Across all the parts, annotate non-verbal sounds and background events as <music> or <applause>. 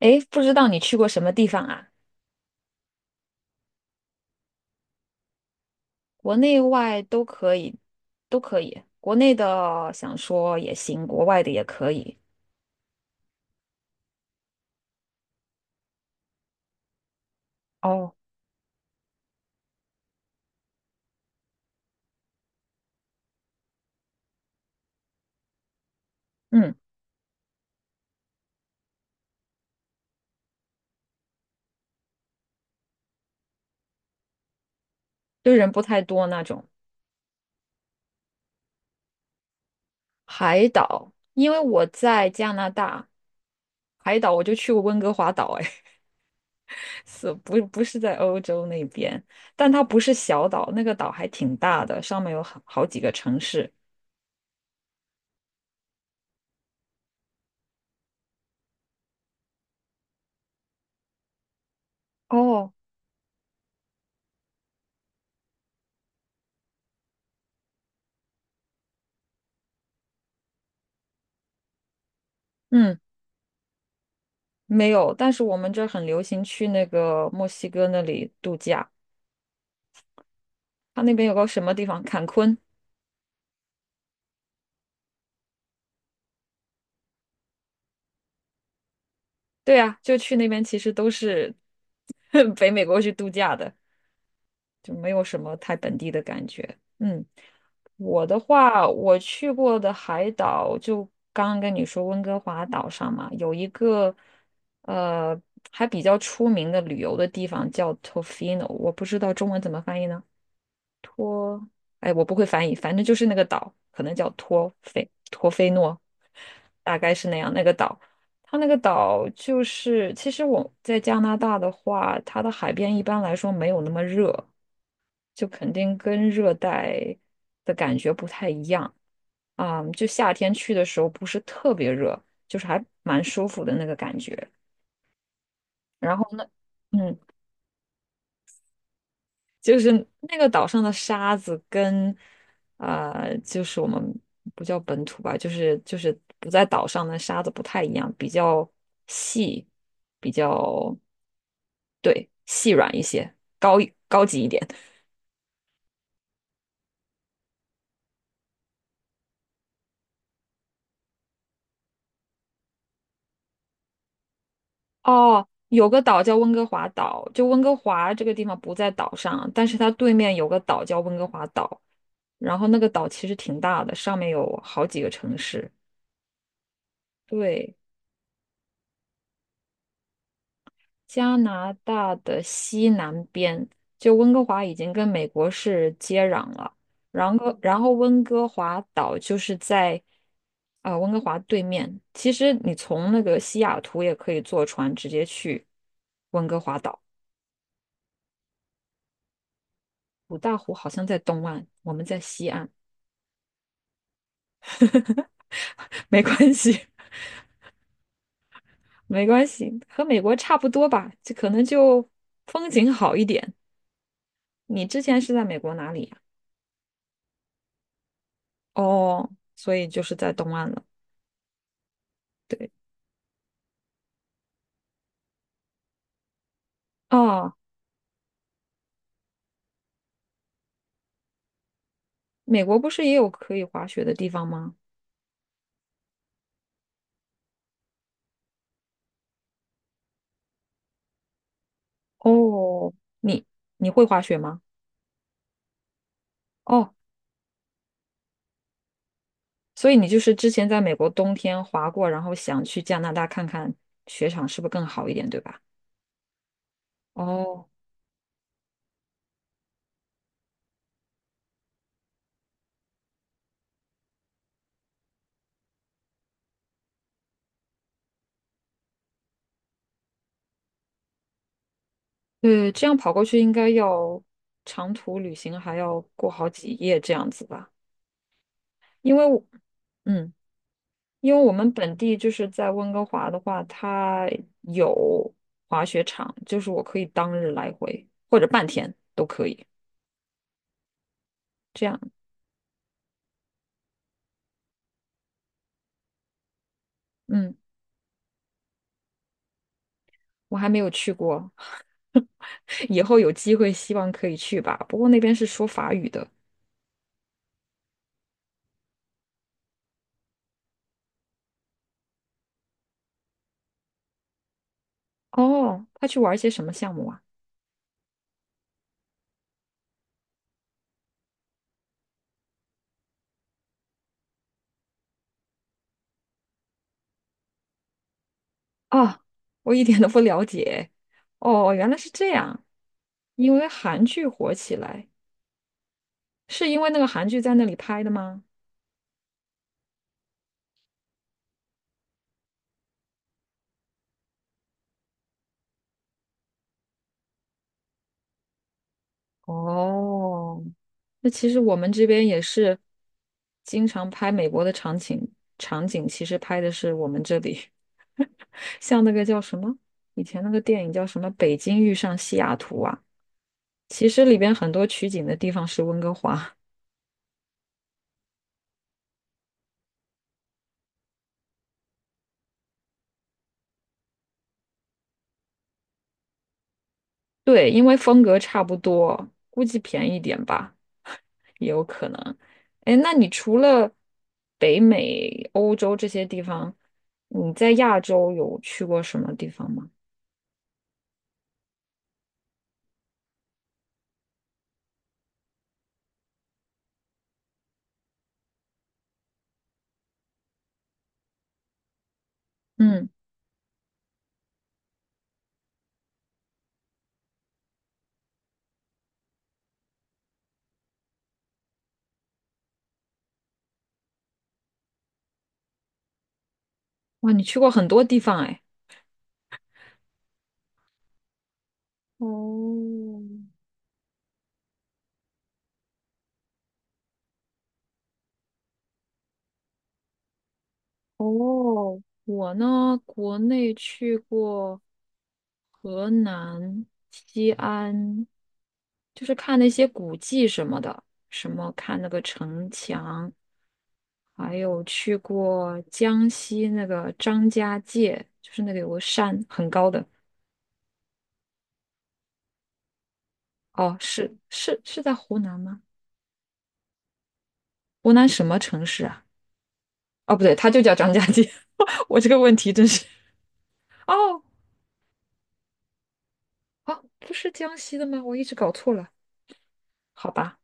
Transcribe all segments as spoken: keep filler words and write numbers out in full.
诶，不知道你去过什么地方啊？国内外都可以，都可以。国内的想说也行，国外的也可以。哦，嗯，就人不太多那种。海岛，因为我在加拿大，海岛我就去过温哥华岛，哎，<laughs> 是不不是在欧洲那边？但它不是小岛，那个岛还挺大的，上面有好好几个城市。哦，嗯，没有，但是我们这儿很流行去那个墨西哥那里度假。它那边有个什么地方？坎昆。对啊，就去那边其实都是 <laughs> 北美国去度假的，就没有什么太本地的感觉。嗯，我的话，我去过的海岛就刚刚跟你说温哥华岛上嘛，有一个呃还比较出名的旅游的地方叫 Tofino，我不知道中文怎么翻译呢。哎，我不会翻译，反正就是那个岛，可能叫托菲托菲诺，大概是那样。那个岛，它那个岛就是，其实我在加拿大的话，它的海边一般来说没有那么热，就肯定跟热带的感觉不太一样啊，就夏天去的时候不是特别热，就是还蛮舒服的那个感觉。然后呢，嗯。就是那个岛上的沙子跟，呃，就是我们不叫本土吧，就是就是不在岛上的沙子不太一样，比较细，比较对细软一些，高一高级一点。哦，有个岛叫温哥华岛，就温哥华这个地方不在岛上，但是它对面有个岛叫温哥华岛，然后那个岛其实挺大的，上面有好几个城市。对。加拿大的西南边，就温哥华已经跟美国是接壤了，然后然后温哥华岛就是在啊、温哥华对面。其实你从那个西雅图也可以坐船直接去温哥华岛。五大湖好像在东岸，我们在西岸，<laughs> 没关系，没关系，和美国差不多吧，就可能就风景好一点。你之前是在美国哪里呀？哦，所以就是在东岸了。对。哦，美国不是也有可以滑雪的地方吗？哦，你你会滑雪吗？哦，所以你就是之前在美国冬天滑过，然后想去加拿大看看雪场是不是更好一点，对吧？哦，对，这样跑过去应该要长途旅行，还要过好几夜这样子吧？因为我嗯，因为我们本地就是在温哥华的话，它有滑雪场，就是我可以当日来回或者半天都可以，这样，嗯。我还没有去过，<laughs> 以后有机会希望可以去吧。不过那边是说法语的。哦，他去玩一些什么项目啊？啊，我一点都不了解。哦，原来是这样。因为韩剧火起来，是因为那个韩剧在那里拍的吗？哦，那其实我们这边也是经常拍美国的场景，场景其实拍的是我们这里，<laughs> 像那个叫什么，以前那个电影叫什么《北京遇上西雅图》啊？其实里边很多取景的地方是温哥华，对，因为风格差不多，估计便宜一点吧，也有可能。哎，那你除了北美、欧洲这些地方，你在亚洲有去过什么地方吗？嗯，哇，你去过很多地方哎。哦，哦，我呢，国内去过河南、西安，就是看那些古迹什么的，什么看那个城墙，还有去过江西那个张家界，就是那个有个山很高的。哦，是是是在湖南吗？湖南什么城市啊？哦，不对，它就叫张家界。<laughs> 我这个问题真是…… <laughs> 哦，哦，不是江西的吗？我一直搞错了，好吧。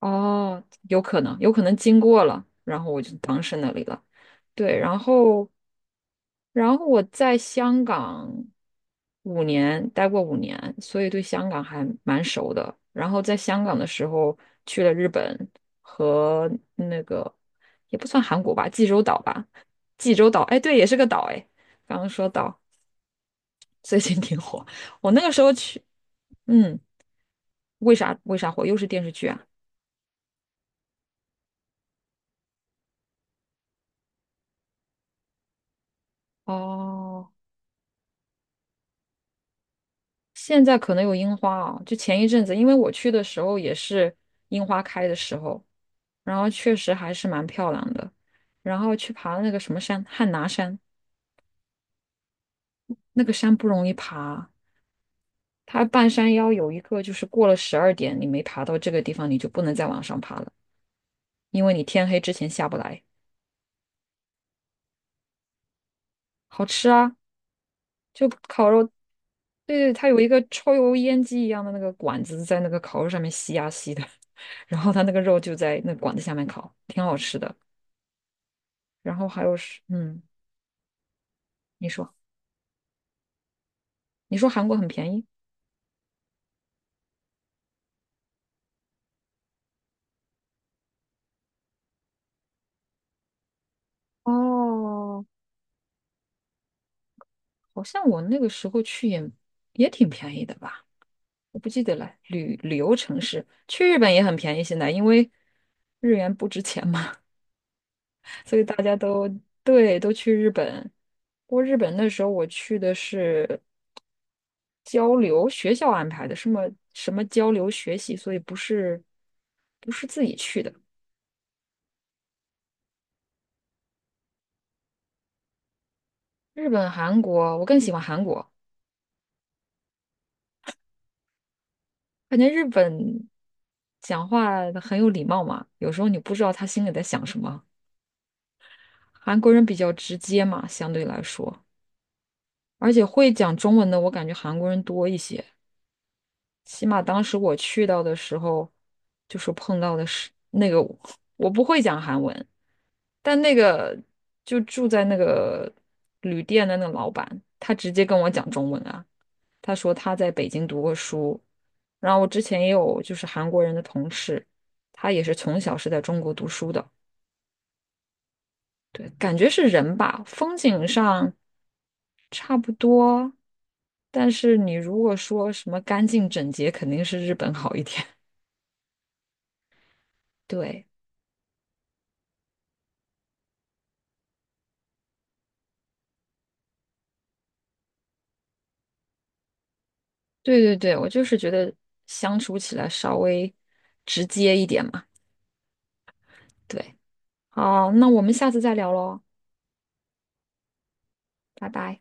哦，有可能，有可能经过了，然后我就当是那里了。对，然后，然后我在香港五年，待过五年，所以对香港还蛮熟的。然后在香港的时候，去了日本和那个也不算韩国吧，济州岛吧，济州岛，哎，对，也是个岛，哎，刚刚说岛，最近挺火。我那个时候去，嗯，为啥为啥火？又是电视剧啊？哦，现在可能有樱花啊，就前一阵子，因为我去的时候也是樱花开的时候，然后确实还是蛮漂亮的。然后去爬那个什么山，汉拿山，那个山不容易爬，它半山腰有一个就是过了十二点，你没爬到这个地方，你就不能再往上爬了，因为你天黑之前下不来。好吃啊，就烤肉，对对，它有一个抽油烟机一样的那个管子在那个烤肉上面吸呀、吸的，<laughs> 然后它那个肉就在那管子下面烤，挺好吃的。然后还有是，嗯，你说，你说韩国很便宜，哦，好像我那个时候去也也挺便宜的吧，我不记得了。旅旅游城市去日本也很便宜，现在因为日元不值钱嘛，<laughs> 所以大家都对都去日本。不过日本那时候我去的是交流，学校安排的，什么什么交流学习，所以不是不是自己去的。日本、韩国，我更喜欢韩国。感觉日本讲话很有礼貌嘛，有时候你不知道他心里在想什么。韩国人比较直接嘛，相对来说，而且会讲中文的，我感觉韩国人多一些。起码当时我去到的时候，就是碰到的是那个我，不会讲韩文，但那个就住在那个旅店的那个老板，他直接跟我讲中文啊，他说他在北京读过书，然后我之前也有就是韩国人的同事，他也是从小是在中国读书的。对，感觉是人吧，风景上差不多，但是你如果说什么干净整洁，肯定是日本好一点。<laughs> 对，对对对，我就是觉得相处起来稍微直接一点嘛。对，好，那我们下次再聊喽，拜拜。